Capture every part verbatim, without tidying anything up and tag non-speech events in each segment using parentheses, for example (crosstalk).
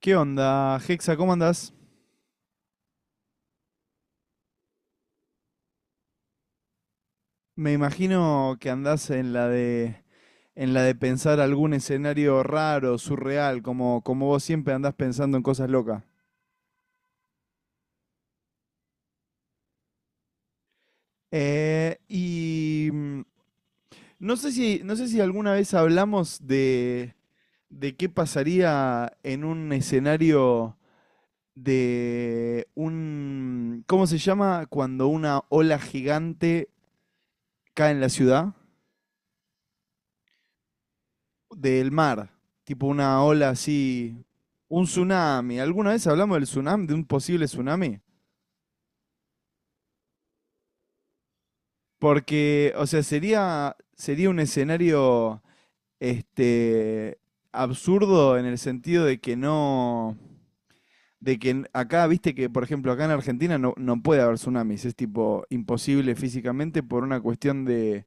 ¿Qué onda, Hexa? ¿Cómo andás? Me imagino que andás en la de en la de pensar algún escenario raro, surreal, como, como vos siempre andás pensando en cosas locas. Eh, y mm, no sé si, no sé si alguna vez hablamos de, de qué pasaría en un escenario de un, ¿cómo se llama? Cuando una ola gigante cae en la ciudad. Del mar, tipo una ola así, un tsunami. ¿Alguna vez hablamos del tsunami, de un posible tsunami? Porque, o sea, sería, sería un escenario, este, absurdo en el sentido de que no, de que n- acá, viste que, por ejemplo, acá en Argentina no, no puede haber tsunamis, es tipo imposible físicamente por una cuestión de,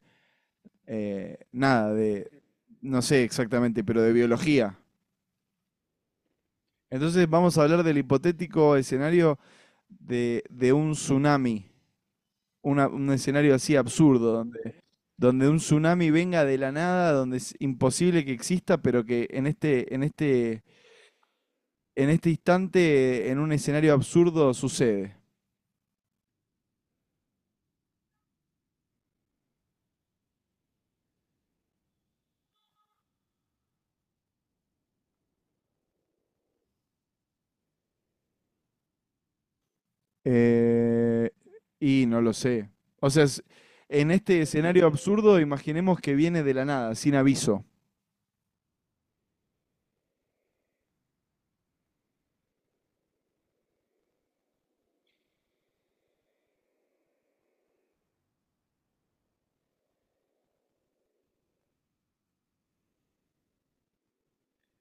eh, nada, de, no sé exactamente, pero de biología. Entonces vamos a hablar del hipotético escenario de, de un tsunami, una- un escenario así absurdo, donde, donde un tsunami venga de la nada, donde es imposible que exista, pero que en este, en este, en este instante, en un escenario absurdo, sucede. Eh, y no lo sé. O sea, es- en este escenario absurdo, imaginemos que viene de la nada, sin aviso.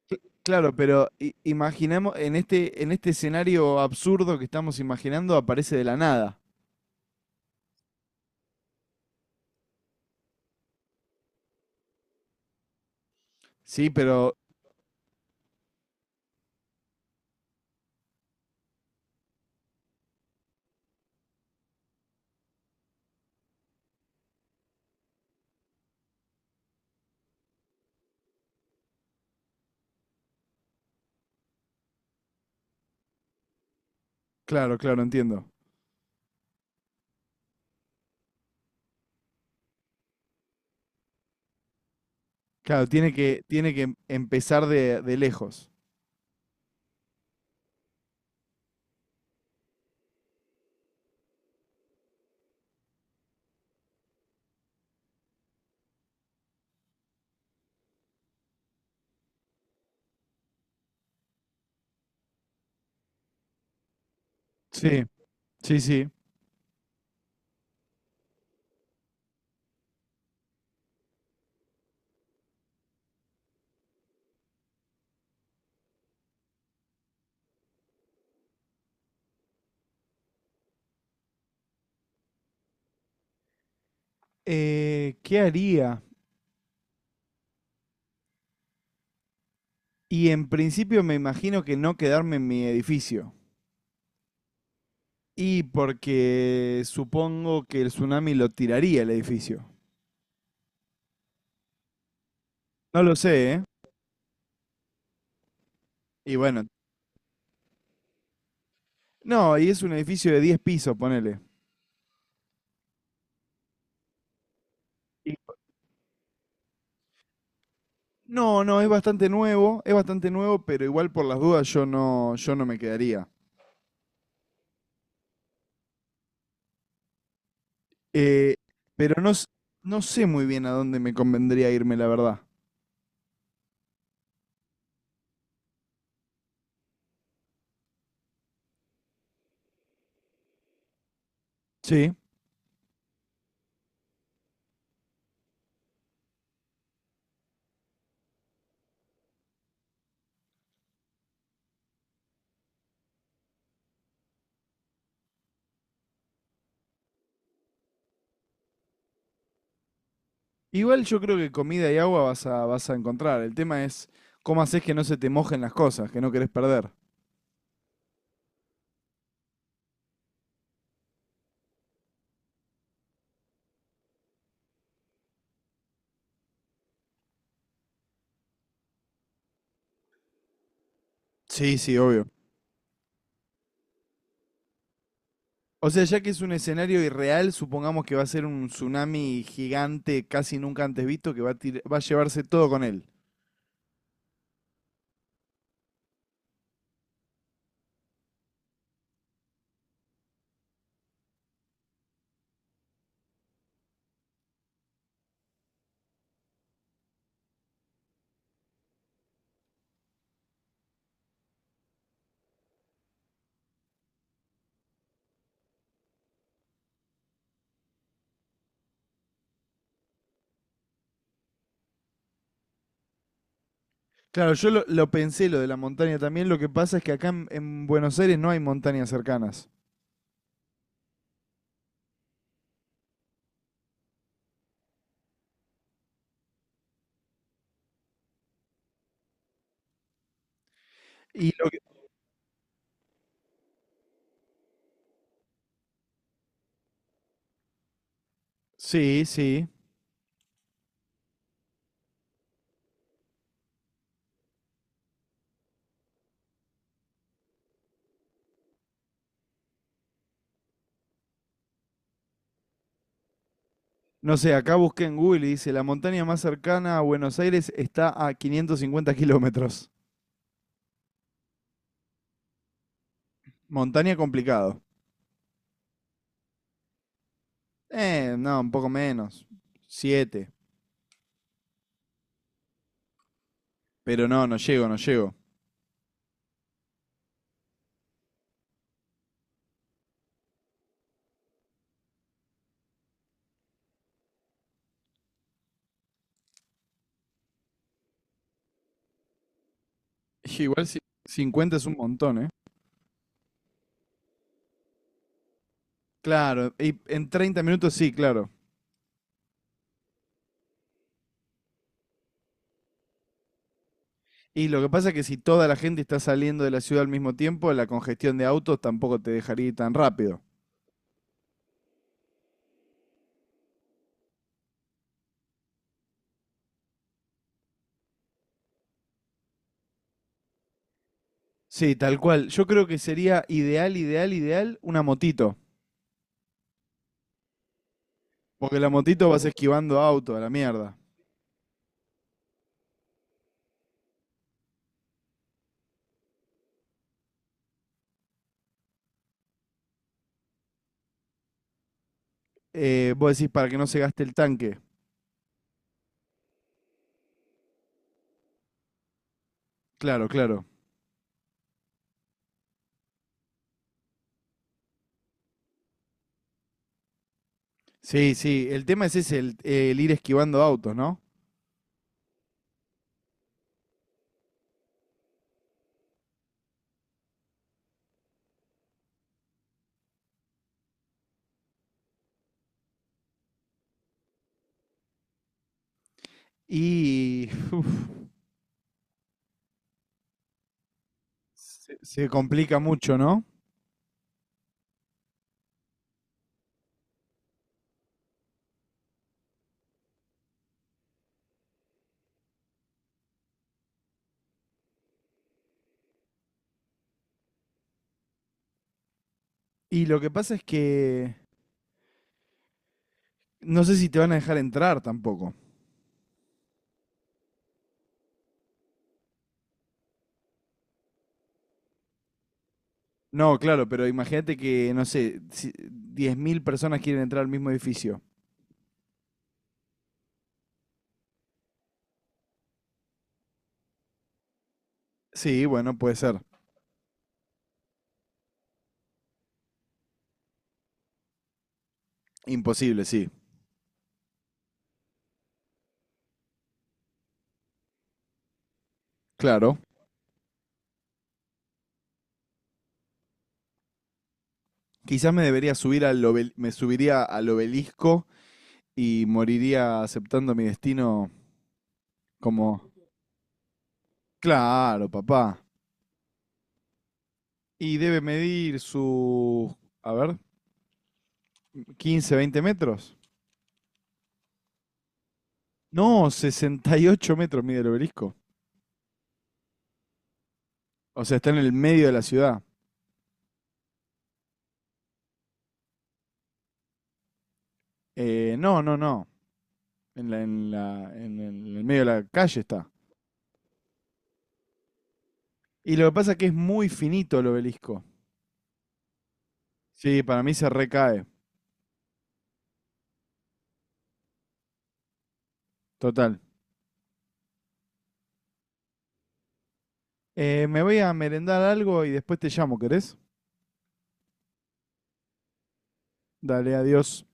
Cl- Claro, pero i- imaginemos, en este, en este escenario absurdo que estamos imaginando, aparece de la nada. Sí, pero claro, claro, entiendo. Claro, tiene que, tiene que em- empezar de, de lejos. Sí, sí, sí. Eh, ¿qué haría? Y en principio me imagino que no quedarme en mi edificio. Y porque supongo que el tsunami lo tiraría el edificio. No lo sé, ¿eh? Y bueno. No, y es un edificio de diez pisos, ponele. No, no, es bastante nuevo, es bastante nuevo, pero igual por las dudas yo no, yo no me quedaría. Eh, pero no, s- no sé muy bien a dónde me convendría irme, la verdad. Sí. Igual yo creo que comida y agua vas a, vas a encontrar. El tema es cómo haces que no se te mojen las cosas, que no querés perder. Sí, sí, obvio. O sea, ya que es un escenario irreal, supongamos que va a ser un tsunami gigante, casi nunca antes visto, que va a, tir- va a llevarse todo con él. Claro, yo lo, lo pensé lo de la montaña también. Lo que pasa es que acá en, en Buenos Aires no hay montañas cercanas. Y lo que, sí, sí. No sé, acá busqué en Google y dice, la montaña más cercana a Buenos Aires está a quinientos cincuenta kilómetros. Montaña complicado. Eh, no, un poco menos. Siete. Pero no, no llego, no llego. (laughs) Igual si cincuenta es un montón, ¿eh? Claro, y en treinta minutos sí, claro. Y lo que pasa es que si toda la gente está saliendo de la ciudad al mismo tiempo, la congestión de autos tampoco te dejaría ir tan rápido. Sí, tal cual. Yo creo que sería ideal, ideal, ideal una motito. Porque la motito vas esquivando auto a la mierda. Eh, vos decís para que no se gaste el tanque. Claro, claro. Sí, sí. El tema es ese, el, el ir esquivando autos, ¿no? Y (laughs) uf, se, se complica mucho, ¿no? Y lo que pasa es que no sé si te van a dejar entrar tampoco. No, claro, pero imagínate que, no sé, si diez mil personas quieren entrar al mismo edificio. Sí, bueno, puede ser. Imposible, sí. Claro. Quizás me debería subir al obel- me subiría al obelisco y moriría aceptando mi destino como, claro, papá. Y debe medir sus, a ver, quince, veinte metros. No, sesenta y ocho metros mide el obelisco. O sea, está en el medio de la ciudad. Eh, no, no, no. En la- en la- en el en el medio de la calle está. Y lo que pasa es que es muy finito el obelisco. Sí, para mí se recae. Total. Eh, me voy a merendar algo y después te llamo, ¿querés? Dale, adiós.